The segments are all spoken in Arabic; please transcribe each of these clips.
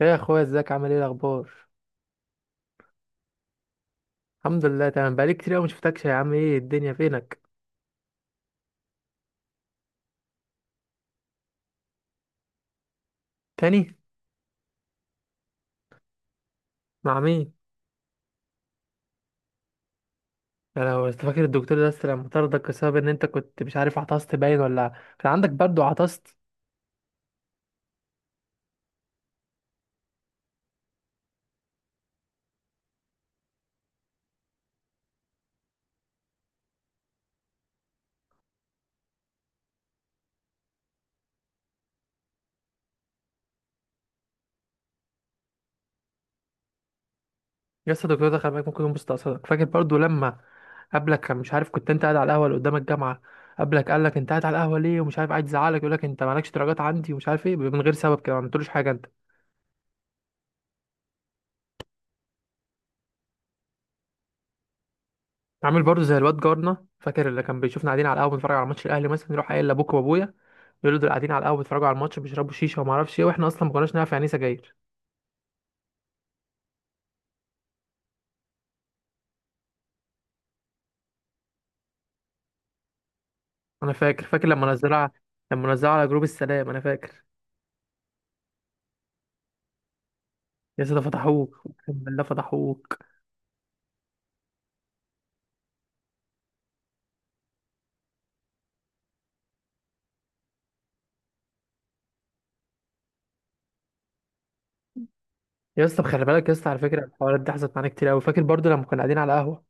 يا اخويا، ازيك؟ عامل ايه؟ الاخبار؟ الحمد لله تمام. بقالي كتير قوي ما شفتكش يا عم. ايه الدنيا؟ فينك؟ تاني؟ مع مين؟ انا لو أنت فاكر الدكتور ده لسه لما طردك بسبب ان انت كنت مش عارف عطست باين، ولا كان عندك برد وعطست. لسه الدكتور ده؟ خلي بالك ممكن يكون مستقصدك. فاكر برضو لما قبلك كان مش عارف كنت انت قاعد على القهوه اللي قدام الجامعه؟ قبلك قال لك انت قاعد على القهوه ليه ومش عارف، قاعد يزعلك، يقول لك انت مالكش درجات عندي ومش عارف ايه، من غير سبب كده. ما عملتلوش حاجه انت. عامل برضو زي الواد جارنا، فاكر اللي كان بيشوفنا قاعدين على القهوه بنتفرج على ماتش الاهلي مثلا يروح قايل لابوك وابويا، بيقولوا دول قاعدين على القهوه بيتفرجوا على الماتش بيشربوا شيشه وما اعرفش ايه، واحنا اصلا ما كناش نعرف يعني ايه سجاير. انا فاكر لما نزلها، على جروب السلام انا فاكر. يا اسطى فتحوك، اقسم بالله فتحوك. يا اسطى خلي بالك يا اسطى، على فكره الحوارات دي حصلت معانا كتير قوي. فاكر برضو لما كنا قاعدين على قهوه؟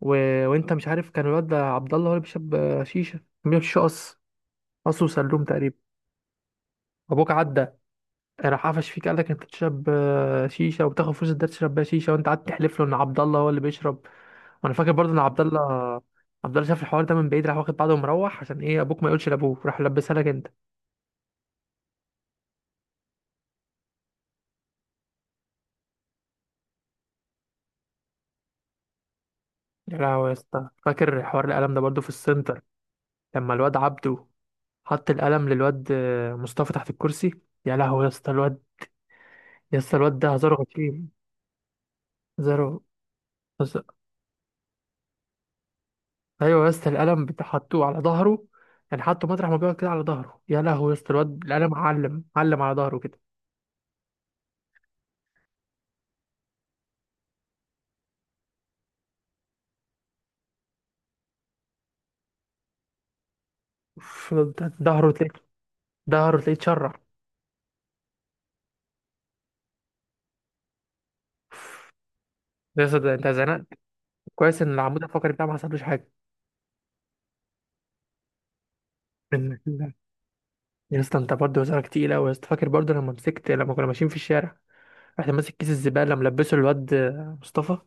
و... وانت مش عارف كان الواد ده عبد الله هو اللي بيشرب شيشه. كان بيشرب شيشه. قص وسلوم تقريبا. ابوك عدى، راح قفش فيك قال لك انت بتشرب شيشه وبتاخد فلوس الدرس تشرب بيها شيشه، وانت قعدت تحلف له ان عبد الله هو اللي بيشرب. وانا فاكر برضو ان عبد الله، عبد الله شاف الحوار ده من بعيد راح واخد بعضه ومروح. عشان ايه؟ ابوك ما يقولش لابوك، راح لبسها لك انت. يا لهوي يا اسطى، فاكر حوار القلم ده برضو في السنتر؟ لما الواد عبده حط القلم للواد مصطفى تحت الكرسي. يا لهوي يا اسطى الواد. ده هزاره غشيم. هزاره بس- ايوه يا اسطى القلم حطوه على ظهره، يعني حطه مطرح ما بيقعد كده على ظهره. يا لهوي يا اسطى الواد، القلم علم علم على ظهره كده. ظهره تلاقيه، اتشرع. يا اسطى ده انت زنقت. كويس ان العمود الفقري بتاعه ما حصلوش حاجه. يا اسطى انت برضه وزنك تقيل قوي يا اسطى. فاكر برضه لما مسكت، لما كنا ماشيين في الشارع رحت ماسك كيس الزباله ملبسه الواد مصطفى؟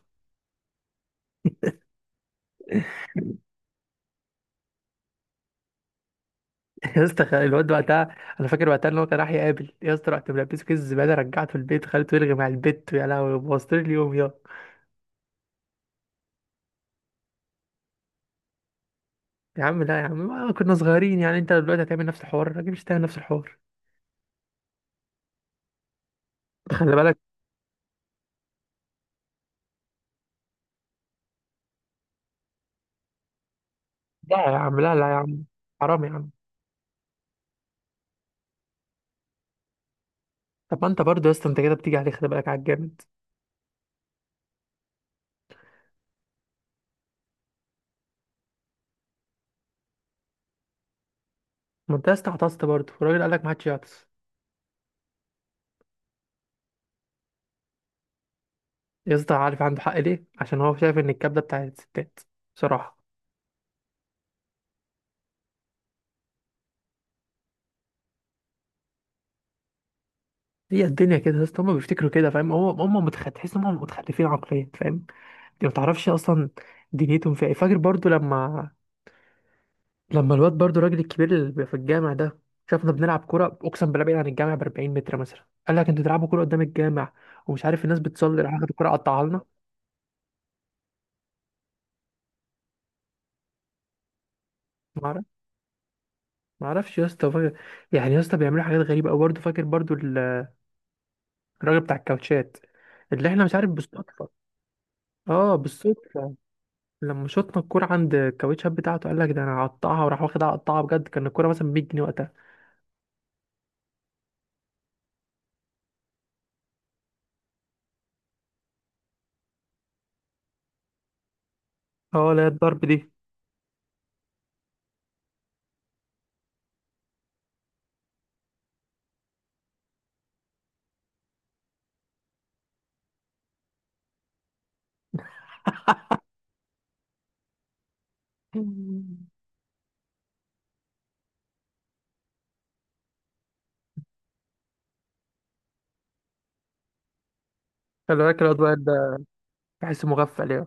يا اسطى الواد وقتها، انا فاكر وقتها ان هو كان راح يقابل يا اسطى، رحت ملبسه كيس الزباله رجعته البيت خليته يلغي مع البت. يا لهوي بوظت لي اليوم يا. يا عم لا يا عم، ما كنا صغيرين يعني. انت دلوقتي هتعمل نفس الحوار؟ الراجل مش هتعمل نفس الحوار. خلي بالك. لا يا عم، لا لا يا عم، حرام يا عم. طب ما انت برضه يا اسطى انت كده بتيجي عليه، خلي بالك على الجامد. ما انت يا اسطى عطست برضه، الراجل قال لك ما حدش يعطس. يا اسطى عارف عنده حق ليه؟ عشان هو شايف ان الكبده بتاعت الستات بصراحه. هي الدنيا كده يا اسطى، هم بيفتكروا كده فاهم، هو هم تحس ان هم متخلفين عقليا، فاهم؟ انت ما تعرفش اصلا دنيتهم فيها ايه. فاكر برضو لما، لما الواد برضو الراجل الكبير اللي بيبقى في الجامع ده شافنا بنلعب كوره، اقسم بالله بعيد عن الجامع ب 40 متر مثلا، قال لك انتوا تلعبوا كوره قدام الجامع ومش عارف الناس بتصلي، راح اخد الكوره قطعها لنا. ما اعرف ما اعرفش يا اسطى. فاكر يعني يا اسطى بيعملوا حاجات غريبه قوي برضه؟ فاكر برضه الراجل بتاع الكاوتشات، اللي احنا مش عارف بالصدفه؟ اه بالصدفة. لما شطنا الكورة عند الكاوتشات بتاعته، قال لك ده انا هقطعها، وراح واخدها قطعها بجد. كان الكورة مثلا 100 جنيه وقتها. اه لا الضرب دي. خلي بالك الواد وائل ده بحسه مغفل يعني.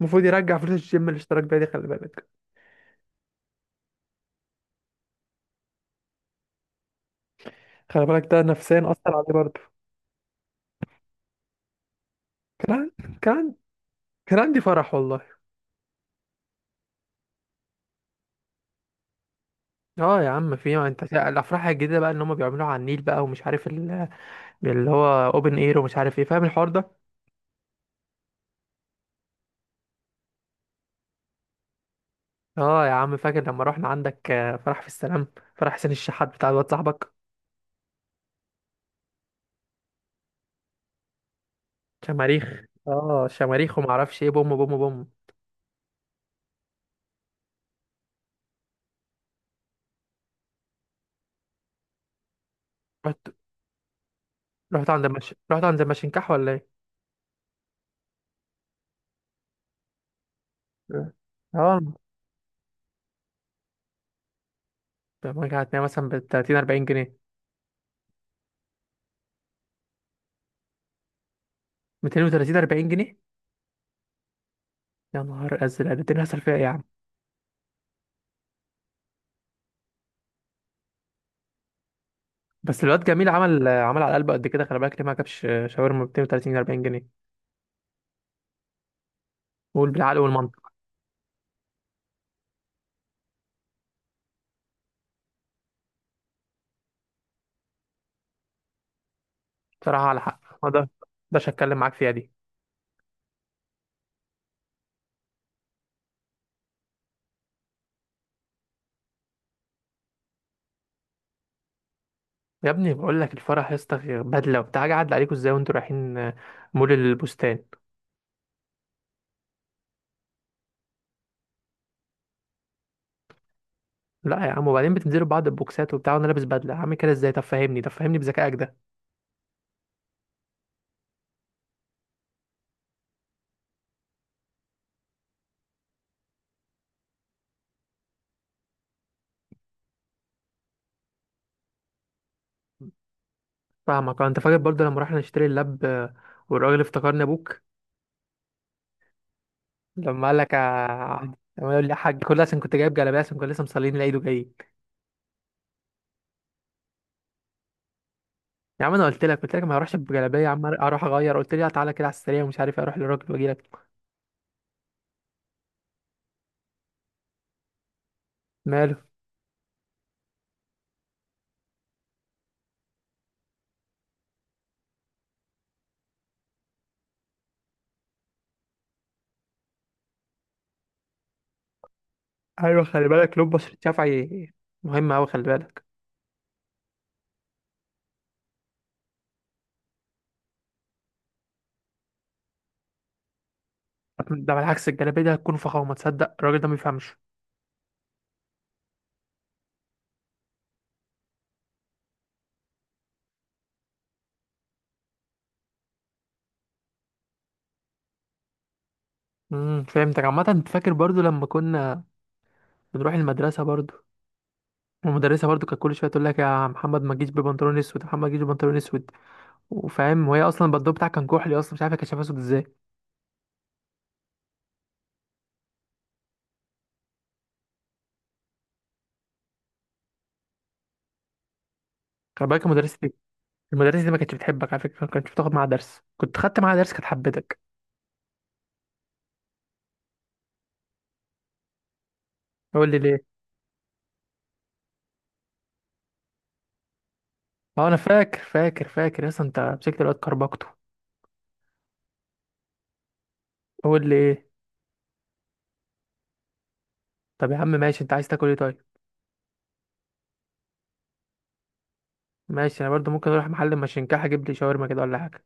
المفروض يرجع فلوس الجيم الاشتراك بيه دي، خلي بالك. خلي بالك ده نفسيا اثر عليه برضه. كان عن- كان عن- كان عندي فرح والله. اه يا عم، في ما انت الافراح الجديده بقى اللي هم بيعملوها على النيل بقى ومش عارف اللي هو اوبن اير ومش عارف ايه، فاهم الحوار ده؟ اه يا عم، فاكر لما رحنا عندك فرح في السلام؟ فرح حسين الشحات بتاع الواد صاحبك. شماريخ. اه شماريخ، وما اعرفش ايه، بوم بوم بوم. رحت رحت عند المشنكح، ولا ايه؟ اه. اه. لما رجعت هتلاقي مثلا ب 30 40 جنيه. 230 40 جنيه. يا نهار ازرق، ده تاني هصل فيها ايه يا عم؟ بس الواد جميل عمل عمل على قلبه قد كده، خلي بالك ليه ما جابش شاورما ب 230 40 جنيه. قول بالعقل والمنطق. بصراحه على حق، ما ده، ده هتكلم معاك فيها دي. يا ابني بقول لك الفرح يا اسطى، بدله وبتاع، قاعد عليكم ازاي وانتوا رايحين مول البستان. لا يا عم، وبعدين بتنزلوا بعض، البوكسات وبتاع، وانا لابس بدله عامل كده ازاي؟ طب فهمني، طب فهمني بذكائك ده. فاهمك انت فاكر برضه لما رحنا نشتري اللاب؟ والراجل افتكرني ابوك، لما قال لك لما يقول لي يا حاج؟ كل ده عشان كنت جايب جلابيه، عشان كنا لسه مصلين العيد وجايين. يا عم انا قلت لك، قلت لك ما اروحش بجلابيه يا عم، اروح اغير، قلت لي لا تعالى كده على السريع ومش عارف اروح للراجل واجي لك. ماله؟ ايوه خلي بالك، لون بشرة شفعي مهم قوي، خلي بالك. ده بالعكس الجلابيه دي هتكون فخامه. تصدق الراجل ده ما بيفهمش. فهمتك عامه. انت فاكر برضه لما كنا بنروح المدرسة برضو؟ والمدرسة برضو كانت كل شوية تقول لك يا محمد ما تجيش ببنطلون اسود، يا محمد ما تجيش ببنطلون اسود، وفاهم وهي اصلا البندو بتاعك كان كحلي اصلا، مش عارفة كانت شايفاه اسود ازاي. خلي بالك المدرسة دي، المدرسة دي ما كانتش بتحبك على فكرة. ما كانتش بتاخد معاها درس، كنت خدت معاها درس كانت حبتك. قول لي ليه. اه انا فاكر يا اسطى انت مسكت الواد كربكته. قول لي ايه. طب يا عم ماشي، انت عايز تاكل ايه طيب؟ ماشي، انا برضو ممكن اروح محل مشنكاح اجيب لي شاورما كده ولا حاجة.